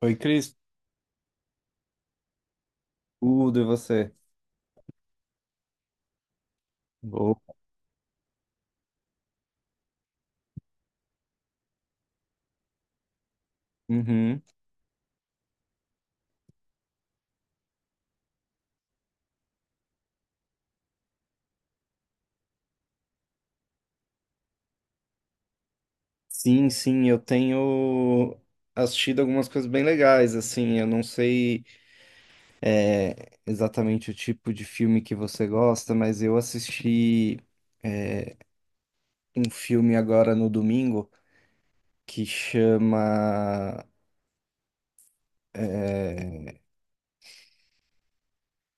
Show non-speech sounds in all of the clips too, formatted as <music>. Oi, Cris. Tudo, e você? Boa. Uhum. Sim, sim, eu tenho assistido algumas coisas bem legais, assim, eu não sei exatamente o tipo de filme que você gosta, mas eu assisti é, um filme agora no domingo que chama... é,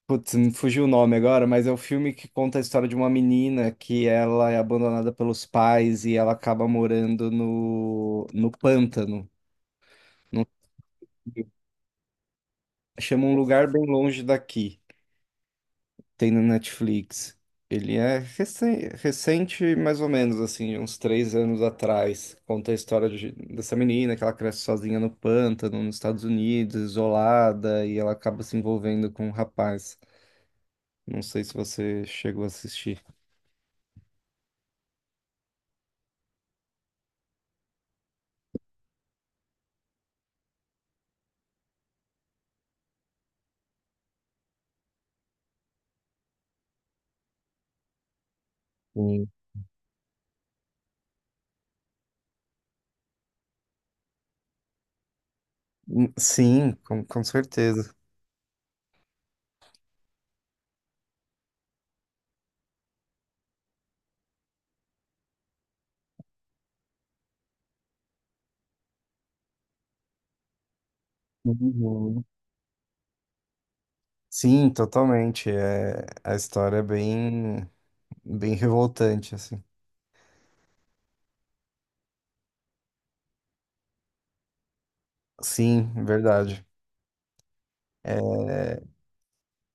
Putz, me fugiu o nome agora, mas é o filme que conta a história de uma menina que ela é abandonada pelos pais e ela acaba morando no pântano. Chama Um Lugar Bem Longe Daqui. Tem no Netflix. Ele é recente, mais ou menos, assim, uns três anos atrás. Conta a história dessa menina que ela cresce sozinha no pântano, nos Estados Unidos, isolada, e ela acaba se envolvendo com um rapaz. Não sei se você chegou a assistir. Sim. Sim, com certeza. Uhum. Sim, totalmente. É, a história é bem, bem revoltante, assim. Sim, verdade.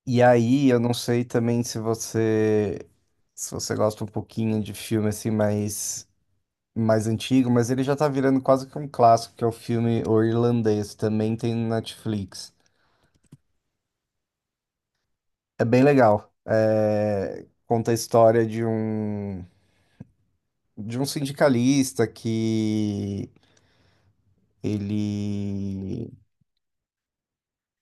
E aí, eu não sei também se você gosta um pouquinho de filme assim mais antigo, mas ele já tá virando quase que um clássico, que é o filme O Irlandês, também tem no Netflix. É bem legal. É, conta a história de um sindicalista que ele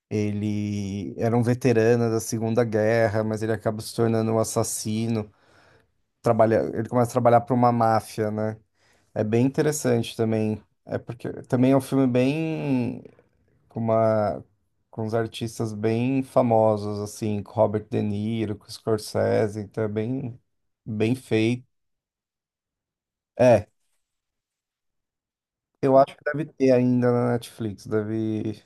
ele era um veterano da Segunda Guerra, mas ele acaba se tornando um assassino. Trabalha, ele começa a trabalhar para uma máfia, né? É bem interessante também. É porque também é um filme bem com uma com uns artistas bem famosos assim, com Robert De Niro, com Scorsese, então é bem feito. É, eu acho que deve ter ainda na Netflix, deve,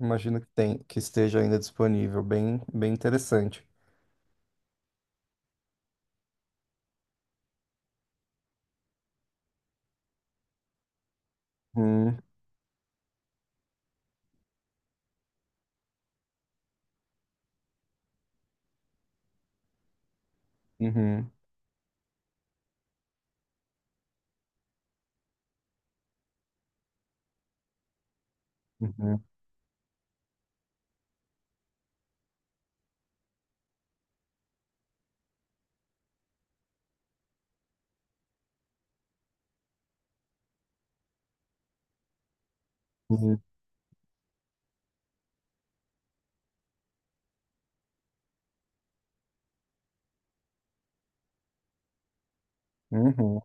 imagino que tem, que esteja ainda disponível, bem interessante. Hum. Uhum. Uhum. Uhum. Uhum. Uhum.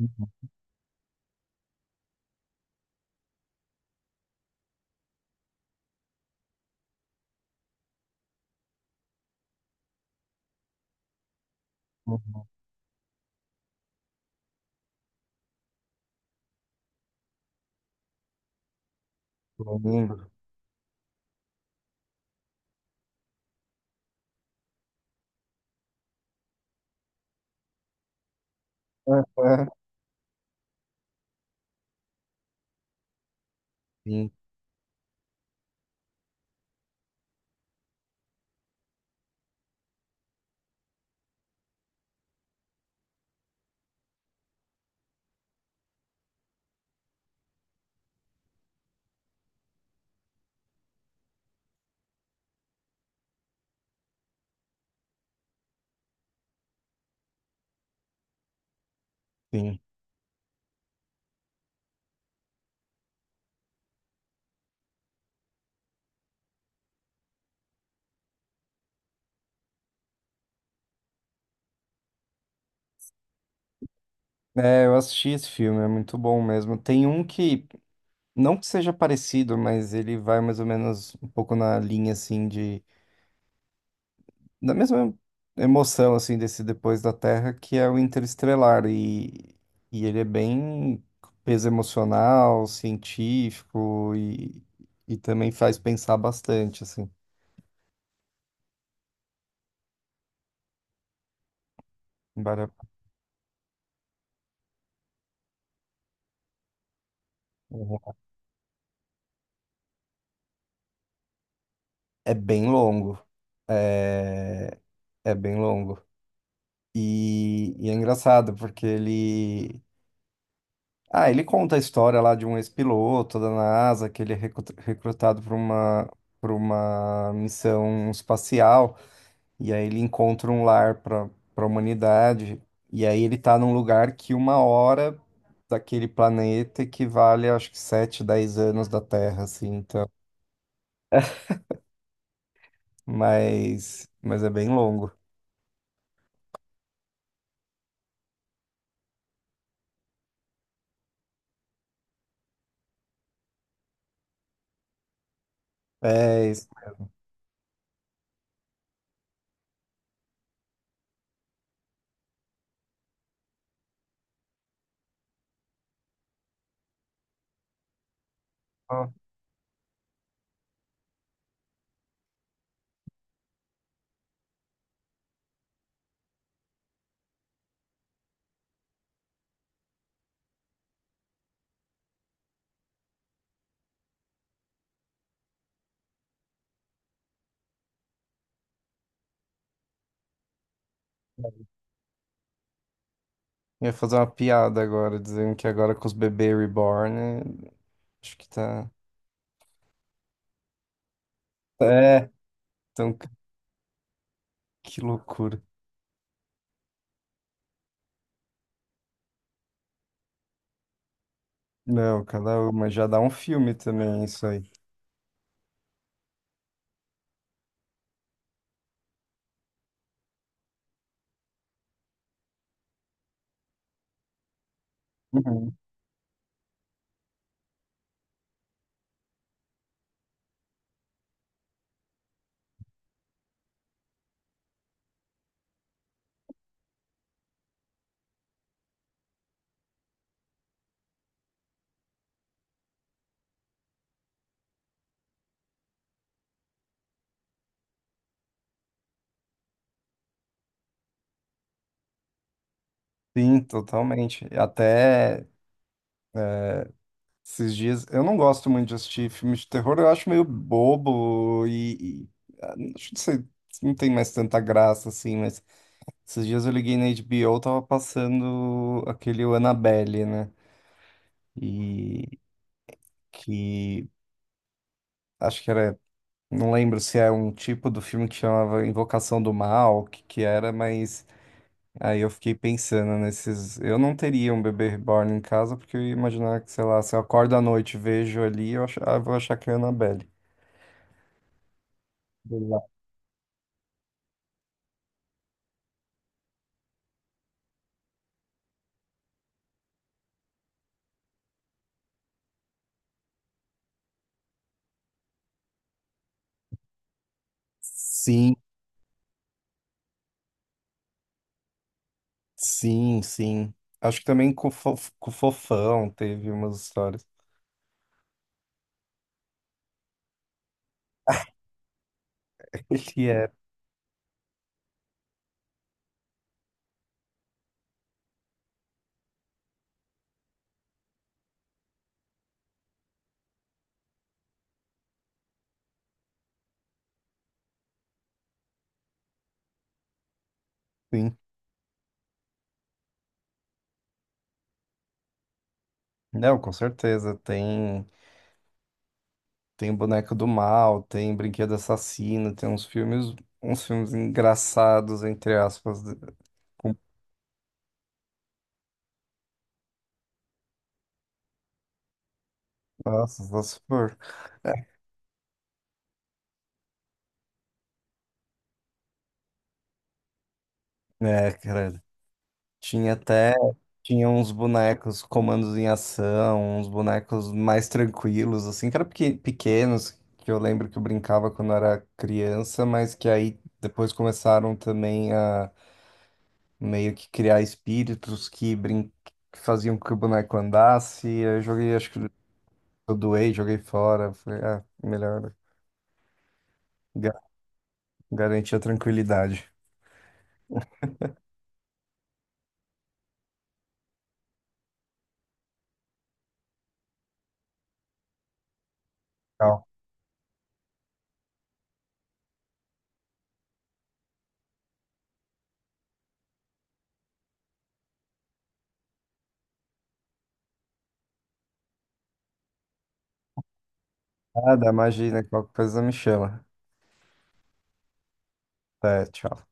Uhum. Uhum. Eu lembro. Aham. Sim, sim. É, eu assisti esse filme, é muito bom mesmo. Tem um que, não que seja parecido, mas ele vai mais ou menos um pouco na linha, assim, de... Da mesma emoção, assim, desse Depois da Terra, que é o Interestelar. E ele é bem peso emocional, científico e também faz pensar bastante, assim. Vale a- É bem longo. É, é bem longo. E é engraçado, porque ele... Ah, ele conta a história lá de um ex-piloto da NASA, que ele é recrutado para uma missão espacial, e aí ele encontra um lar para a humanidade, e aí ele tá num lugar que uma hora daquele planeta equivale, acho que 7 10 anos da Terra, assim, então, mas é bem longo. É, isso. Ó, ia fazer uma piada agora, dizendo que agora com os bebês reborn, eh, acho que tá... É, então. Que loucura. Não, cada uma já dá um filme também, isso aí. Uhum. Sim, totalmente. Até esses dias, eu não gosto muito de assistir filmes de terror, eu acho meio bobo e ah, não sei, não tem mais tanta graça assim, mas esses dias eu liguei na HBO, tava passando aquele o Annabelle, né? E que acho que era, não lembro se é um tipo do filme que chamava Invocação do Mal, o que que era, mas aí eu fiquei pensando nesses. Eu não teria um bebê reborn em casa, porque eu ia imaginar que, sei lá, se eu acordo à noite e vejo ali, ah, eu vou achar que é a Annabelle. Exato. Sim, sim, sim. Acho que também com o Fofão teve umas histórias. <laughs> Ele é, sim. Não, com certeza. Tem Boneco do Mal, tem Brinquedo Assassino, tem uns filmes engraçados, entre aspas, de- com nossa, se for. É, cara, tinha até, tinha uns bonecos comandos em ação, uns bonecos mais tranquilos, assim, que eram pequenos, que eu lembro que eu brincava quando era criança, mas que aí depois começaram também a meio que criar espíritos que faziam com que o boneco andasse. Aí eu joguei, acho que eu doei, joguei fora. Falei, ah, melhor ga- garantir a tranquilidade. Tchau. Nada, imagina, qualquer coisa me chama. Até, tchau.